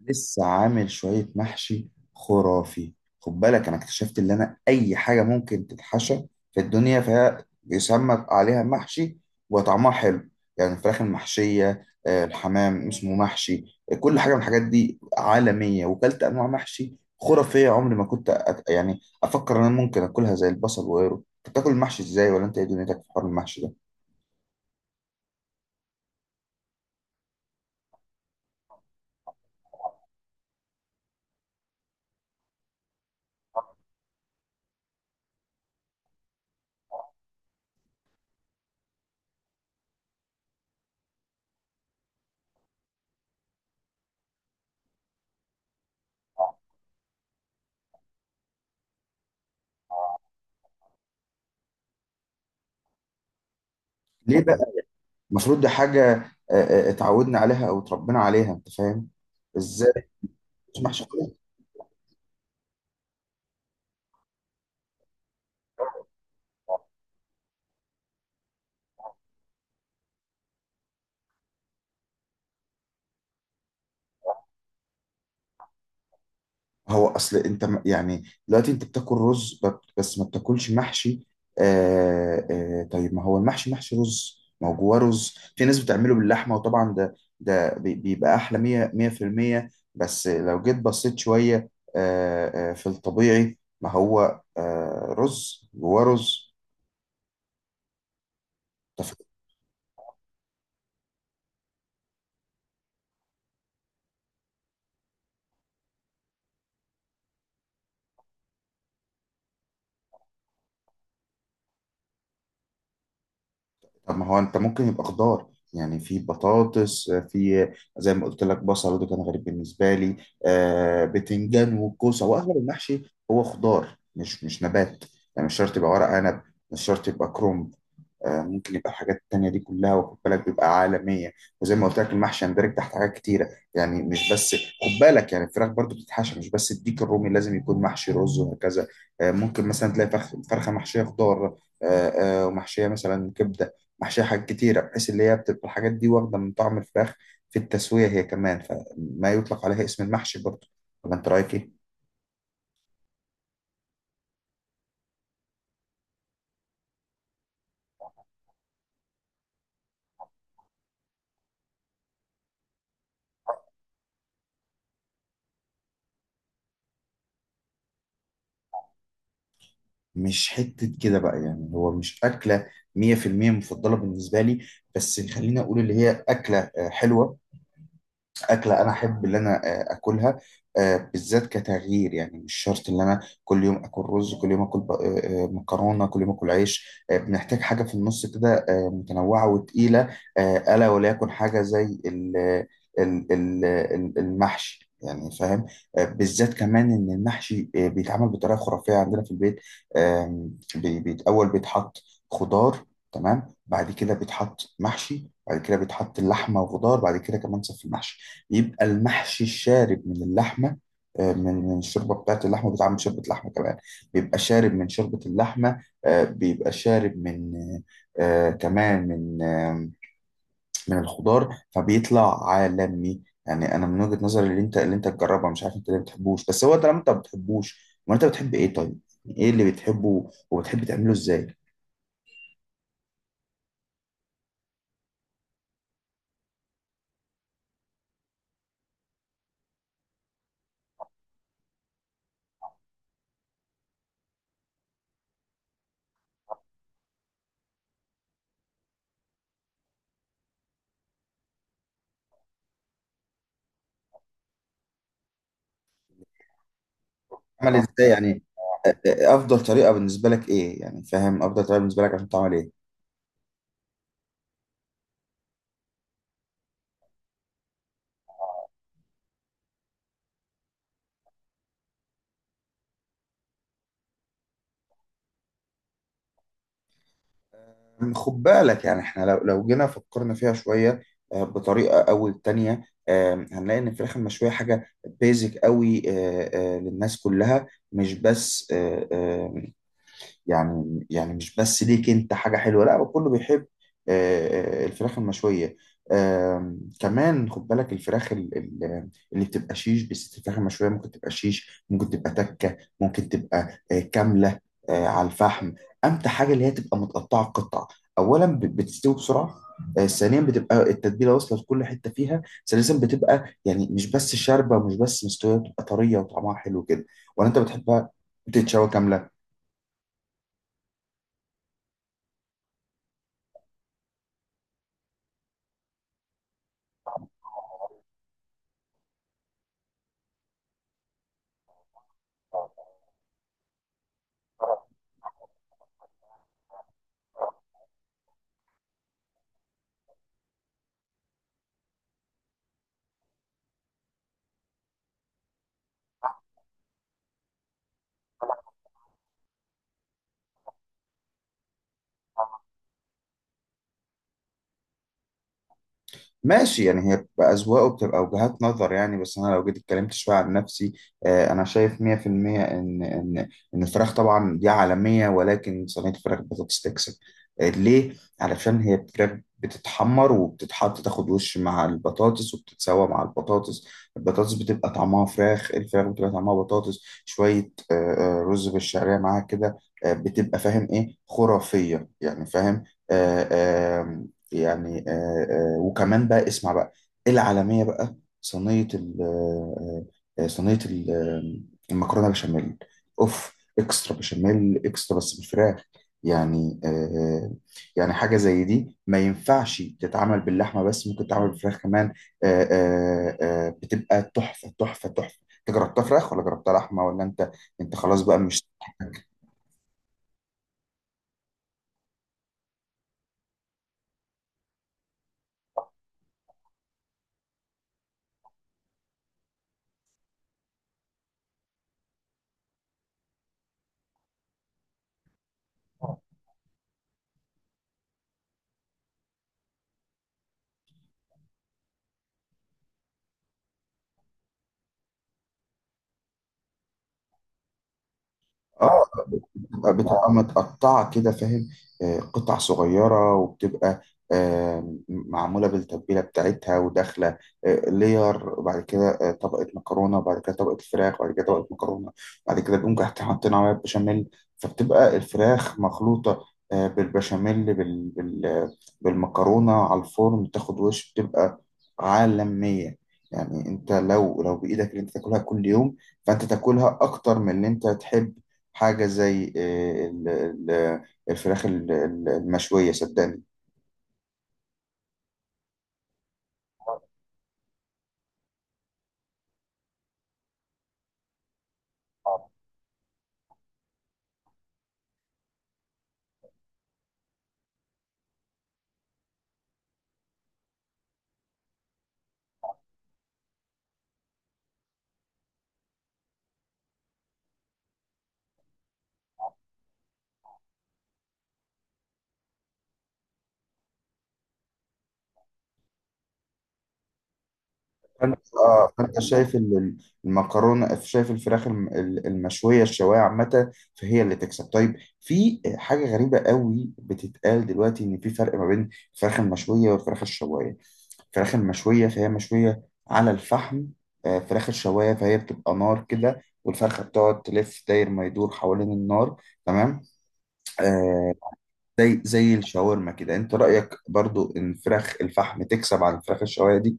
لسه عامل شوية محشي خرافي. خد بالك، أنا اكتشفت إن أنا أي حاجة ممكن تتحشى في الدنيا فهي بيسمى عليها محشي وطعمها حلو. يعني الفراخ المحشية الحمام اسمه محشي، كل حاجة من الحاجات دي عالمية، وكلت أنواع محشي خرافية. عمري ما كنت أت... يعني أفكر إن أنا ممكن أكلها زي البصل وغيره. أنت بتاكل المحشي إزاي، ولا أنت إيه دنيتك في حوار المحشي ده؟ ليه بقى؟ المفروض دي حاجة، اتعودنا عليها أو اتربينا عليها، أنت فاهم؟ إزاي مش محشي. هو اصل انت يعني دلوقتي انت بتاكل رز بس ما بتاكلش محشي؟ آه آه طيب، ما هو المحشي محشي رز، ما هو جواه رز. في ناس بتعمله باللحمه، وطبعا بيبقى احلى 100%. بس لو جيت بصيت شويه، آه آه، في الطبيعي ما هو آه رز جواه رز. انت طب ما هو انت ممكن يبقى خضار، يعني في بطاطس، في زي ما قلت لك بصل، وده كان غريب بالنسبه لي. آه بتنجان وكوسه، واغلب المحشي هو خضار، مش نبات، يعني مش شرط يبقى ورق عنب، مش شرط يبقى كرومب. آه، ممكن يبقى الحاجات التانية دي كلها، وخد بالك بيبقى عالمية. وزي ما قلت لك، المحشي يندرج تحت حاجات كتيرة، يعني مش بس، خد بالك، يعني الفراخ برضو بتتحشى، مش بس الديك الرومي لازم يكون محشي رز وهكذا. آه، ممكن مثلا تلاقي فرخة محشية خضار، آه، ومحشية مثلا كبدة، محشية حاجات كتيرة، بحيث اللي هي بتبقى الحاجات دي واخدة من طعم الفراخ في التسوية هي كمان، فما يطلق عليها اسم المحشي برضو. ولا انت رأيك ايه؟ مش حتة كده بقى، يعني هو مش أكلة 100% مفضلة بالنسبة لي، بس خليني أقول اللي هي أكلة حلوة، أكلة أنا أحب اللي أنا أكلها، بالذات كتغيير. يعني مش شرط إن أنا كل يوم آكل رز، كل يوم آكل مكرونة، كل يوم آكل عيش. آه، بنحتاج حاجة في النص كده، متنوعة وتقيلة، آه، ألا وليكن حاجة زي المحشي، يعني فاهم. آه، بالذات كمان إن المحشي بيتعمل بطريقة خرافية عندنا في البيت. آم، أول بيتحط خضار، تمام، بعد كده بيتحط محشي، بعد كده بيتحط اللحمة وخضار، بعد كده كمان صف المحشي، يبقى المحشي الشارب من اللحمه. آه، من الشوربه بتاعت اللحمه، بتعمل من شوربه لحمه كمان، بيبقى شارب من شوربه اللحمه، آه، بيبقى شارب من آه، كمان من آه، من الخضار، فبيطلع عالمي. يعني انا من وجهه نظري، اللي انت اللي انت تجربها، مش عارف انت ليه ما بتحبوش، بس هو طالما انت ما بتحبوش، ما انت بتحب ايه طيب؟ يعني ايه اللي بتحبه وبتحب تعمله ازاي؟ عمل أنا ازاي يعني، افضل طريقه بالنسبه لك ايه، يعني فاهم، افضل طريقه بالنسبه لك عشان تعمل ايه. خد بالك، يعني احنا لو جينا فكرنا فيها شوية، آه، بطريقة أو التانية، آه، هنلاقي إن الفراخ المشوية حاجة بيزك قوي، للناس كلها، مش بس، يعني يعني مش بس ليك انت حاجة حلوة، لا كله بيحب الفراخ المشوية. آم، كمان خد بالك الفراخ اللي بتبقى شيش، بس الفراخ المشوية ممكن تبقى شيش، ممكن تبقى تكة، ممكن تبقى كاملة، آه، على الفحم. أمتع حاجة اللي هي تبقى متقطعة قطع. أولا، بتستوي بسرعة، آه، ثانيا، بتبقى التتبيلة واصلة لكل حتة فيها، ثالثا، بتبقى يعني مش بس شاربة ومش بس مستوية، بتبقى طرية وطعمها حلو كده. ولا أنت بتحبها بتتشوى كاملة؟ ماشي، يعني هي بتبقى أذواق وبتبقى وجهات نظر. يعني بس أنا لو جيت اتكلمت شوية عن نفسي، آه، أنا شايف 100% إن إن الفراخ طبعا دي عالمية، ولكن صينية الفراخ بطاطس تكسب. آه، ليه؟ علشان هي فراخ بتتحمر وبتتحط، تاخد وش مع البطاطس، وبتتسوى مع البطاطس، البطاطس بتبقى طعمها فراخ، الفراخ بتبقى طعمها بطاطس، شوية رز بالشعرية معاها كده، آه، بتبقى، فاهم إيه، خرافية، يعني فاهم. يعني وكمان بقى، اسمع بقى، العالمية بقى، صينية ال- آه، صينية المكرونة بشاميل. اوف، اكسترا بشاميل، اكسترا، بس بالفراخ. يعني يعني حاجة زي دي ما ينفعش تتعمل باللحمة بس، ممكن تتعمل بالفراخ كمان. بتبقى تحفة، تحفة، تحفة. انت جربتها فراخ ولا جربتها لحمة؟ ولا انت، انت خلاص بقى مش. اه، بتبقى متقطعة كده، فاهم، آه، قطع صغيرة، وبتبقى معمولة بالتتبيلة بتاعتها وداخلة آه، لير، وبعد كده طبقة مكرونة، وبعد كده طبقة فراخ، وبعد كده طبقة مكرونة، بعد كده بنقوم تحت حاطين عليها بشاميل. فبتبقى الفراخ مخلوطة آه، بالبشاميل بالمكرونة، على الفرن تاخد وش، بتبقى عالمية. يعني انت لو بإيدك اللي انت تاكلها كل يوم، فانت تاكلها اكتر من اللي انت تحب، حاجة زي آه، الفراخ المشوية، صدقني. فانت، اه فانت شايف المكرونه، شايف الفراخ المشويه، الشوايه عامه، فهي اللي تكسب. طيب، في حاجه غريبه قوي بتتقال دلوقتي، ان في فرق ما بين الفراخ المشويه والفراخ الشوايه. الفراخ المشويه فهي مشويه على الفحم، آه، فراخ الشوايه فهي بتبقى نار كده، والفرخه بتقعد تلف داير ما يدور حوالين النار، تمام؟ آه، زي الشاورما كده. انت رأيك برضو ان فراخ الفحم تكسب عن فراخ الشوايه دي؟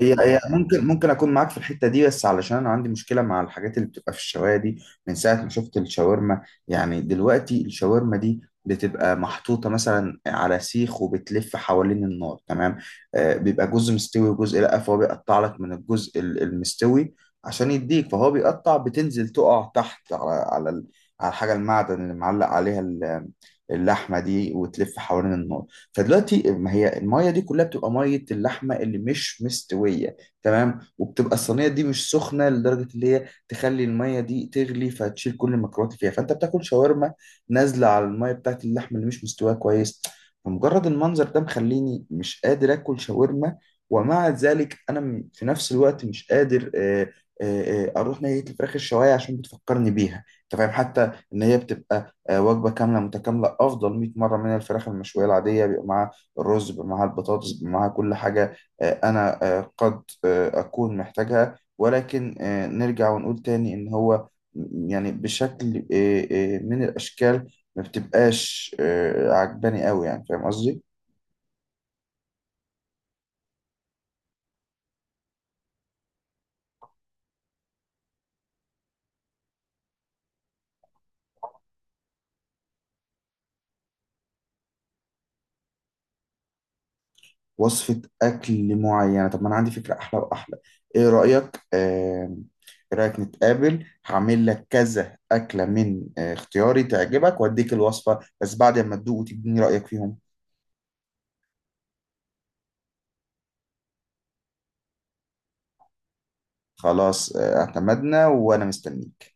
هي ممكن، اكون معاك في الحته دي، بس علشان انا عندي مشكله مع الحاجات اللي بتبقى في الشوايه دي من ساعه ما شفت الشاورما. يعني دلوقتي الشاورما دي بتبقى محطوطه مثلا على سيخ وبتلف حوالين النار، تمام؟ آه بيبقى جزء مستوي وجزء لا، فهو بيقطع لك من الجزء المستوي عشان يديك، فهو بيقطع بتنزل تقع تحت على على الحاجه المعدن اللي معلق عليها اللحمه دي، وتلف حوالين النار. فدلوقتي ما هي الميه دي كلها بتبقى ميه اللحمه اللي مش مستويه، تمام، وبتبقى الصينيه دي مش سخنه لدرجه اللي هي تخلي الميه دي تغلي فتشيل كل الميكروبات اللي فيها. فانت بتاكل شاورما نازله على الميه بتاعت اللحمه اللي مش مستويه كويس. فمجرد المنظر ده مخليني مش قادر اكل شاورما. ومع ذلك انا في نفس الوقت مش قادر اروح ناحيه الفراخ الشوايه، عشان بتفكرني بيها، انت فاهم، حتى ان هي بتبقى وجبة كاملة متكاملة، أفضل 100 مرة من الفراخ المشوية العادية، بيبقى معاها الرز، بيبقى معاها البطاطس، بيبقى معاها كل حاجة. آه، أنا قد أكون محتاجها، ولكن آه، نرجع ونقول تاني إن هو، يعني بشكل من الأشكال ما بتبقاش عجباني قوي، يعني فاهم قصدي؟ وصفة أكل معينة؟ طب ما أنا عندي فكرة أحلى وأحلى. إيه رأيك؟ آه، إيه رأيك نتقابل، هعمل لك كذا أكلة من اختياري، تعجبك، وأديك الوصفة بس بعد ما تدوق وتديني رأيك فيهم. خلاص، آه، اعتمدنا، وأنا مستنيك.